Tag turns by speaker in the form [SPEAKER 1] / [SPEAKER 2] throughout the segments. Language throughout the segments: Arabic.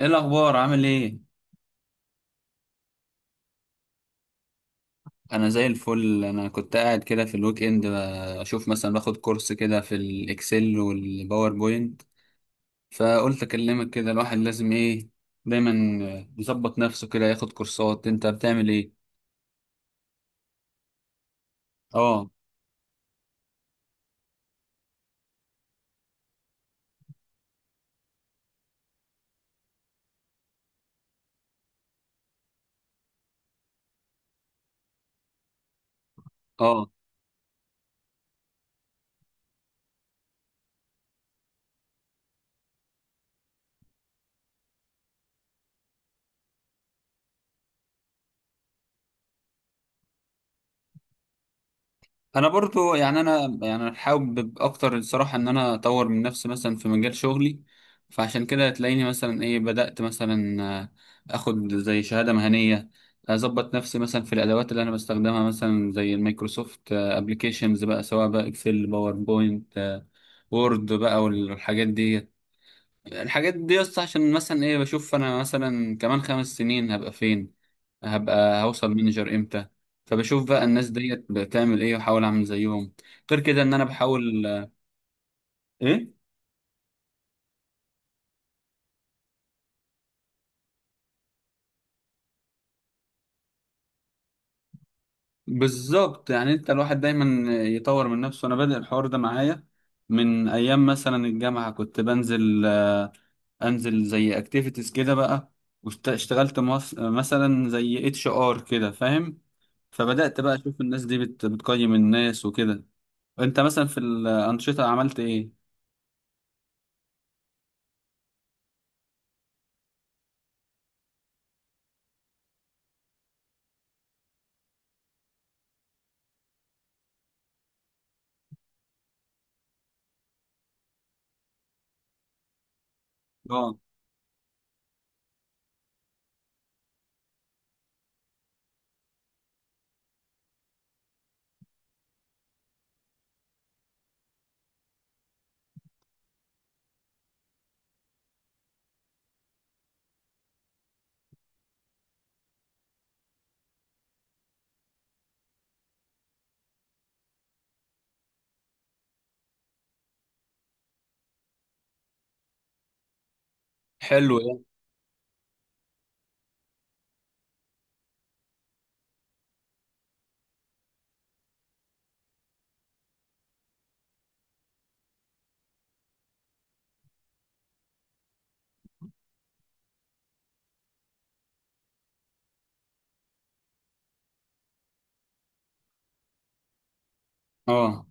[SPEAKER 1] ايه الاخبار؟ عامل ايه؟ انا زي الفل. انا كنت قاعد كده في الويك اند اشوف مثلا باخد كورس كده في الاكسل والباوربوينت. فقلت اكلمك كده. الواحد لازم ايه، دايما يظبط نفسه كده، ياخد كورسات. انت بتعمل ايه؟ اه. اه. انا برضو يعني انا يعني حابب اكتر، الصراحه، ان انا اطور من نفسي مثلا في مجال شغلي. فعشان كده هتلاقيني مثلا ايه، بدات مثلا اخد زي شهاده مهنيه، اظبط نفسي مثلا في الادوات اللي انا بستخدمها مثلا زي المايكروسوفت ابلكيشنز، بقى سواء بقى اكسل، باوربوينت، وورد بقى والحاجات دي. الحاجات دي بس عشان مثلا ايه بشوف انا مثلا كمان 5 سنين هبقى فين، هبقى هوصل مانجر امتى. فبشوف بقى الناس ديت بتعمل ايه واحاول اعمل زيهم. غير كده ان انا بحاول ايه. بالظبط، يعني انت الواحد دايما يطور من نفسه. انا بادئ الحوار ده معايا من ايام مثلا الجامعة. كنت انزل زي اكتيفيتيز كده بقى. واشتغلت مثلا زي اتش ار كده، فاهم. فبدأت بقى اشوف الناس دي بتقيم الناس وكده. انت مثلا في الانشطه عملت ايه؟ اه. حلو ده. اه.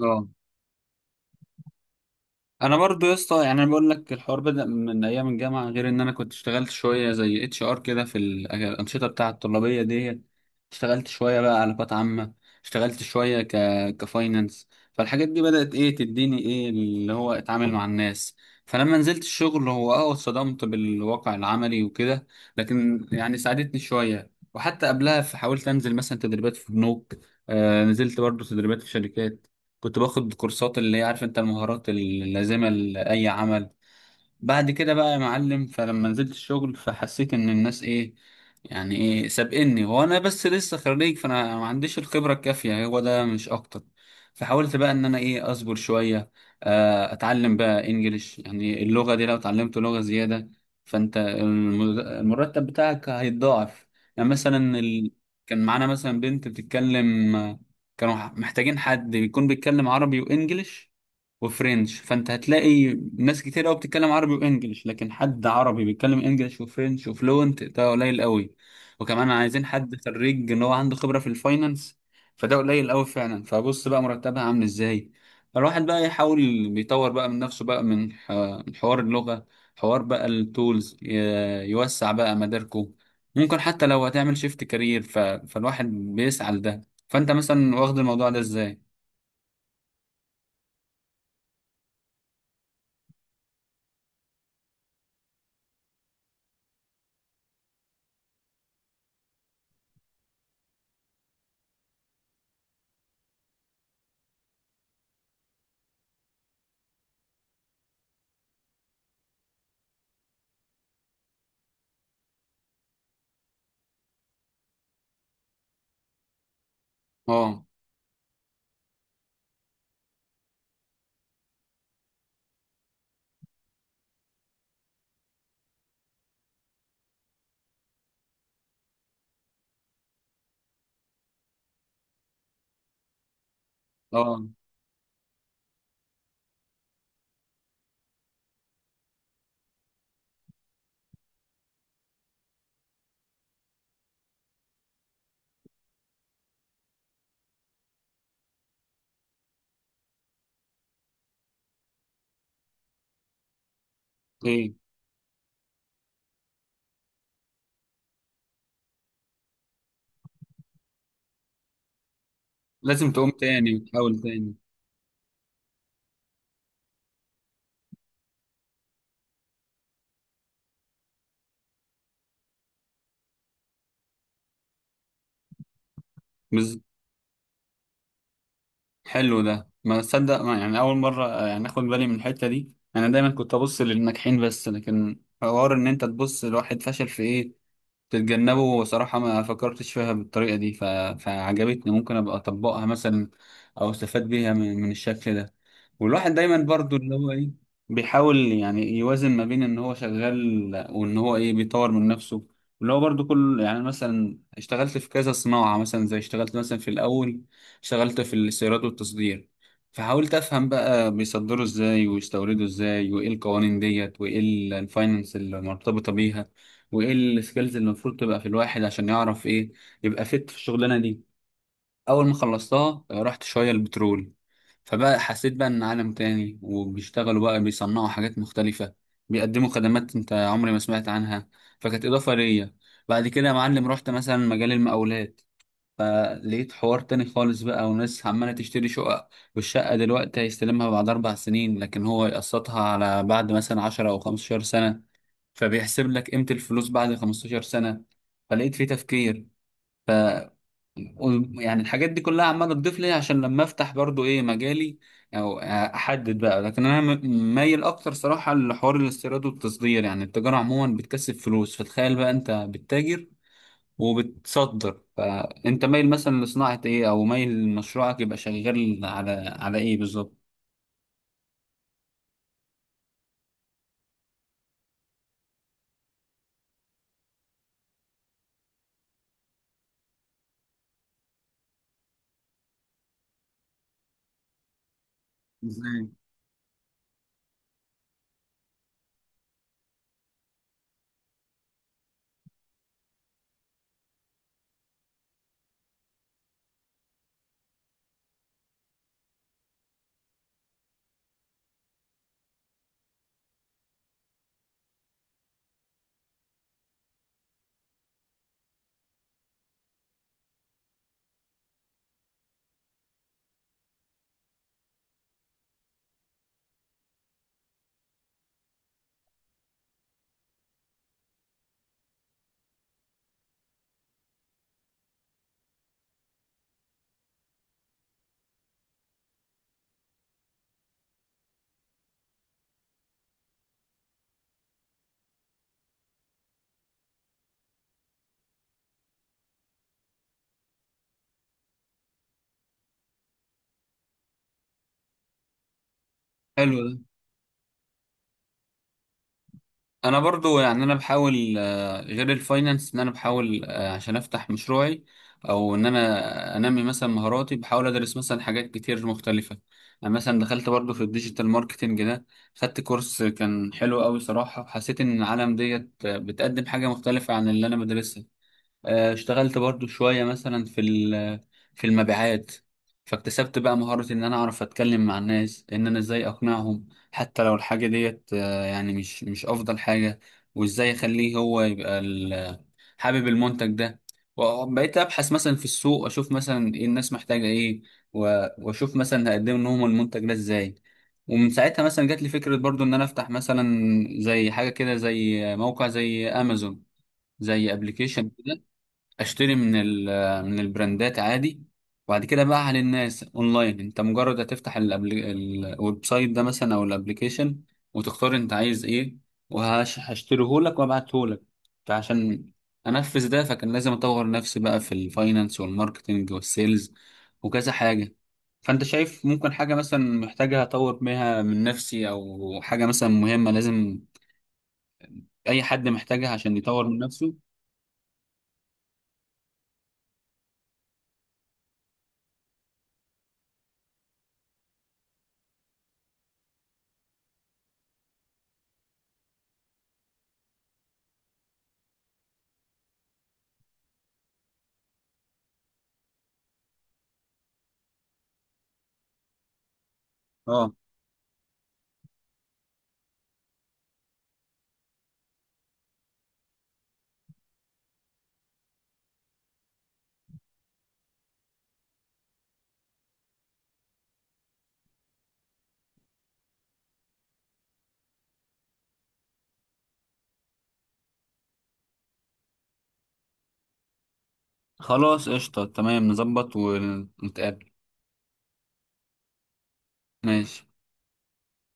[SPEAKER 1] اه. انا برضو يا اسطى، يعني انا بقول لك الحوار بدأ من ايام الجامعه. غير ان انا كنت اشتغلت شويه زي اتش ار كده في الانشطه بتاعه الطلابيه دي. اشتغلت شويه بقى علاقات عامه. اشتغلت شويه كفاينانس. فالحاجات دي بدأت ايه تديني، ايه اللي هو اتعامل مع الناس. فلما نزلت الشغل، هو اه اتصدمت بالواقع العملي وكده. لكن يعني ساعدتني شويه. وحتى قبلها فحاولت انزل مثلا تدريبات في بنوك. آه، نزلت برضو تدريبات في شركات. كنت باخد كورسات اللي هي عارف انت، المهارات اللازمة لأي عمل. بعد كده بقى يا معلم، فلما نزلت الشغل فحسيت ان الناس ايه، يعني ايه سابقني وانا بس لسه خريج، فانا ما عنديش الخبره الكافيه هو ده مش اكتر. فحاولت بقى ان انا ايه اصبر شويه، اتعلم بقى انجليش. يعني اللغه دي لو اتعلمت لغه زياده، فانت المرتب بتاعك هيتضاعف. يعني مثلا كان معانا مثلا بنت بتتكلم. كانوا محتاجين حد يكون بيتكلم عربي وانجليش وفرنش. فانت هتلاقي ناس كتير قوي بتتكلم عربي وانجليش، لكن حد عربي بيتكلم انجليش وفرنش وفلوينت ده قليل قوي. وكمان عايزين حد خريج ان هو عنده خبرة في الفاينانس. فده قليل قوي فعلا. فبص بقى مرتبها عامل ازاي. الواحد بقى يحاول بيطور بقى من نفسه بقى، من من حوار اللغة، حوار بقى التولز، يوسع بقى مداركه. ممكن حتى لو هتعمل شيفت كارير، فالواحد بيسعى لده. فانت مثلا واخد الموضوع ده ازاي؟ اه. اه. ايه. لازم تقوم تاني وتحاول تاني. بز... حلو ده. ما تصدق، ما، يعني اول مره يعني اخد بالي من الحته دي. انا دايما كنت ابص للناجحين بس، لكن حوار ان انت تبص لواحد فشل في ايه تتجنبه، صراحه ما فكرتش فيها بالطريقه دي. فعجبتني، ممكن ابقى اطبقها مثلا، او استفاد بيها من الشكل ده. والواحد دايما برضو اللي هو ايه بيحاول يعني يوازن ما بين ان هو شغال وان هو ايه بيطور من نفسه. اللي هو برضو كل، يعني مثلا اشتغلت في كذا صناعة، مثلا زي اشتغلت مثلا في الاول اشتغلت في الاستيراد والتصدير. فحاولت افهم بقى بيصدروا ازاي ويستوردوا ازاي، وايه القوانين ديت، وايه الفاينانس المرتبطة بيها، وايه السكيلز اللي المفروض تبقى في الواحد عشان يعرف ايه، يبقى فت في الشغلانة دي. اول ما خلصتها رحت شوية البترول. فبقى حسيت بقى ان عالم تاني، وبيشتغلوا بقى بيصنعوا حاجات مختلفة، بيقدموا خدمات انت عمري ما سمعت عنها. فكانت اضافة ليا. بعد كده يا معلم رحت مثلا مجال المقاولات، فلقيت حوار تاني خالص بقى، وناس عمالة تشتري شقق، والشقة دلوقتي هيستلمها بعد 4 سنين، لكن هو يقسطها على بعد مثلا 10 أو 15 سنة. فبيحسب لك قيمة الفلوس بعد 15 سنة. فلقيت فيه تفكير. يعني الحاجات دي كلها عماله تضيف لي عشان لما افتح برضو ايه مجالي او احدد بقى. لكن انا مايل اكتر صراحه لحوار الاستيراد والتصدير. يعني التجاره عموما بتكسب فلوس. فتخيل بقى انت بتتاجر وبتصدر، فانت مايل مثلا لصناعه ايه، او مايل مشروعك يبقى شغال على على ايه بالظبط؟ ازاي. حلو ده. انا برضو يعني انا بحاول غير الفاينانس ان انا بحاول، عشان افتح مشروعي او ان انا انمي مثلا مهاراتي، بحاول ادرس مثلا حاجات كتير مختلفه. يعني مثلا دخلت برضو في الديجيتال ماركتنج ده، خدت كورس كان حلو قوي، صراحه حسيت ان العالم ديت بتقدم حاجه مختلفه عن اللي انا بدرسها. اشتغلت برضو شوية مثلا في في المبيعات. فاكتسبت بقى مهارة ان انا اعرف اتكلم مع الناس، ان انا ازاي اقنعهم حتى لو الحاجة ديت يعني مش افضل حاجة، وازاي اخليه هو يبقى حابب المنتج ده. وبقيت ابحث مثلا في السوق اشوف مثلا ايه الناس محتاجة ايه، واشوف مثلا هقدم لهم المنتج ده ازاي. ومن ساعتها مثلا جات لي فكرة برضو ان انا افتح مثلا زي حاجة كده، زي موقع زي امازون، زي ابلكيشن. اشتري من من البراندات عادي، وبعد كده بقى للناس اونلاين. انت مجرد هتفتح الويب سايت ده مثلا او الابليكيشن، وتختار انت عايز ايه، وهشتريه لك وابعته لك. فعشان انفذ ده، فكان لازم اطور نفسي بقى في الفاينانس والماركتنج والسيلز وكذا حاجة. فانت شايف ممكن حاجة مثلا محتاجة اطور بيها من نفسي، او حاجة مثلا مهمة لازم اي حد محتاجها عشان يطور من نفسه. آه. خلاص قشطة، تمام، نظبط ونتقابل. ماشي.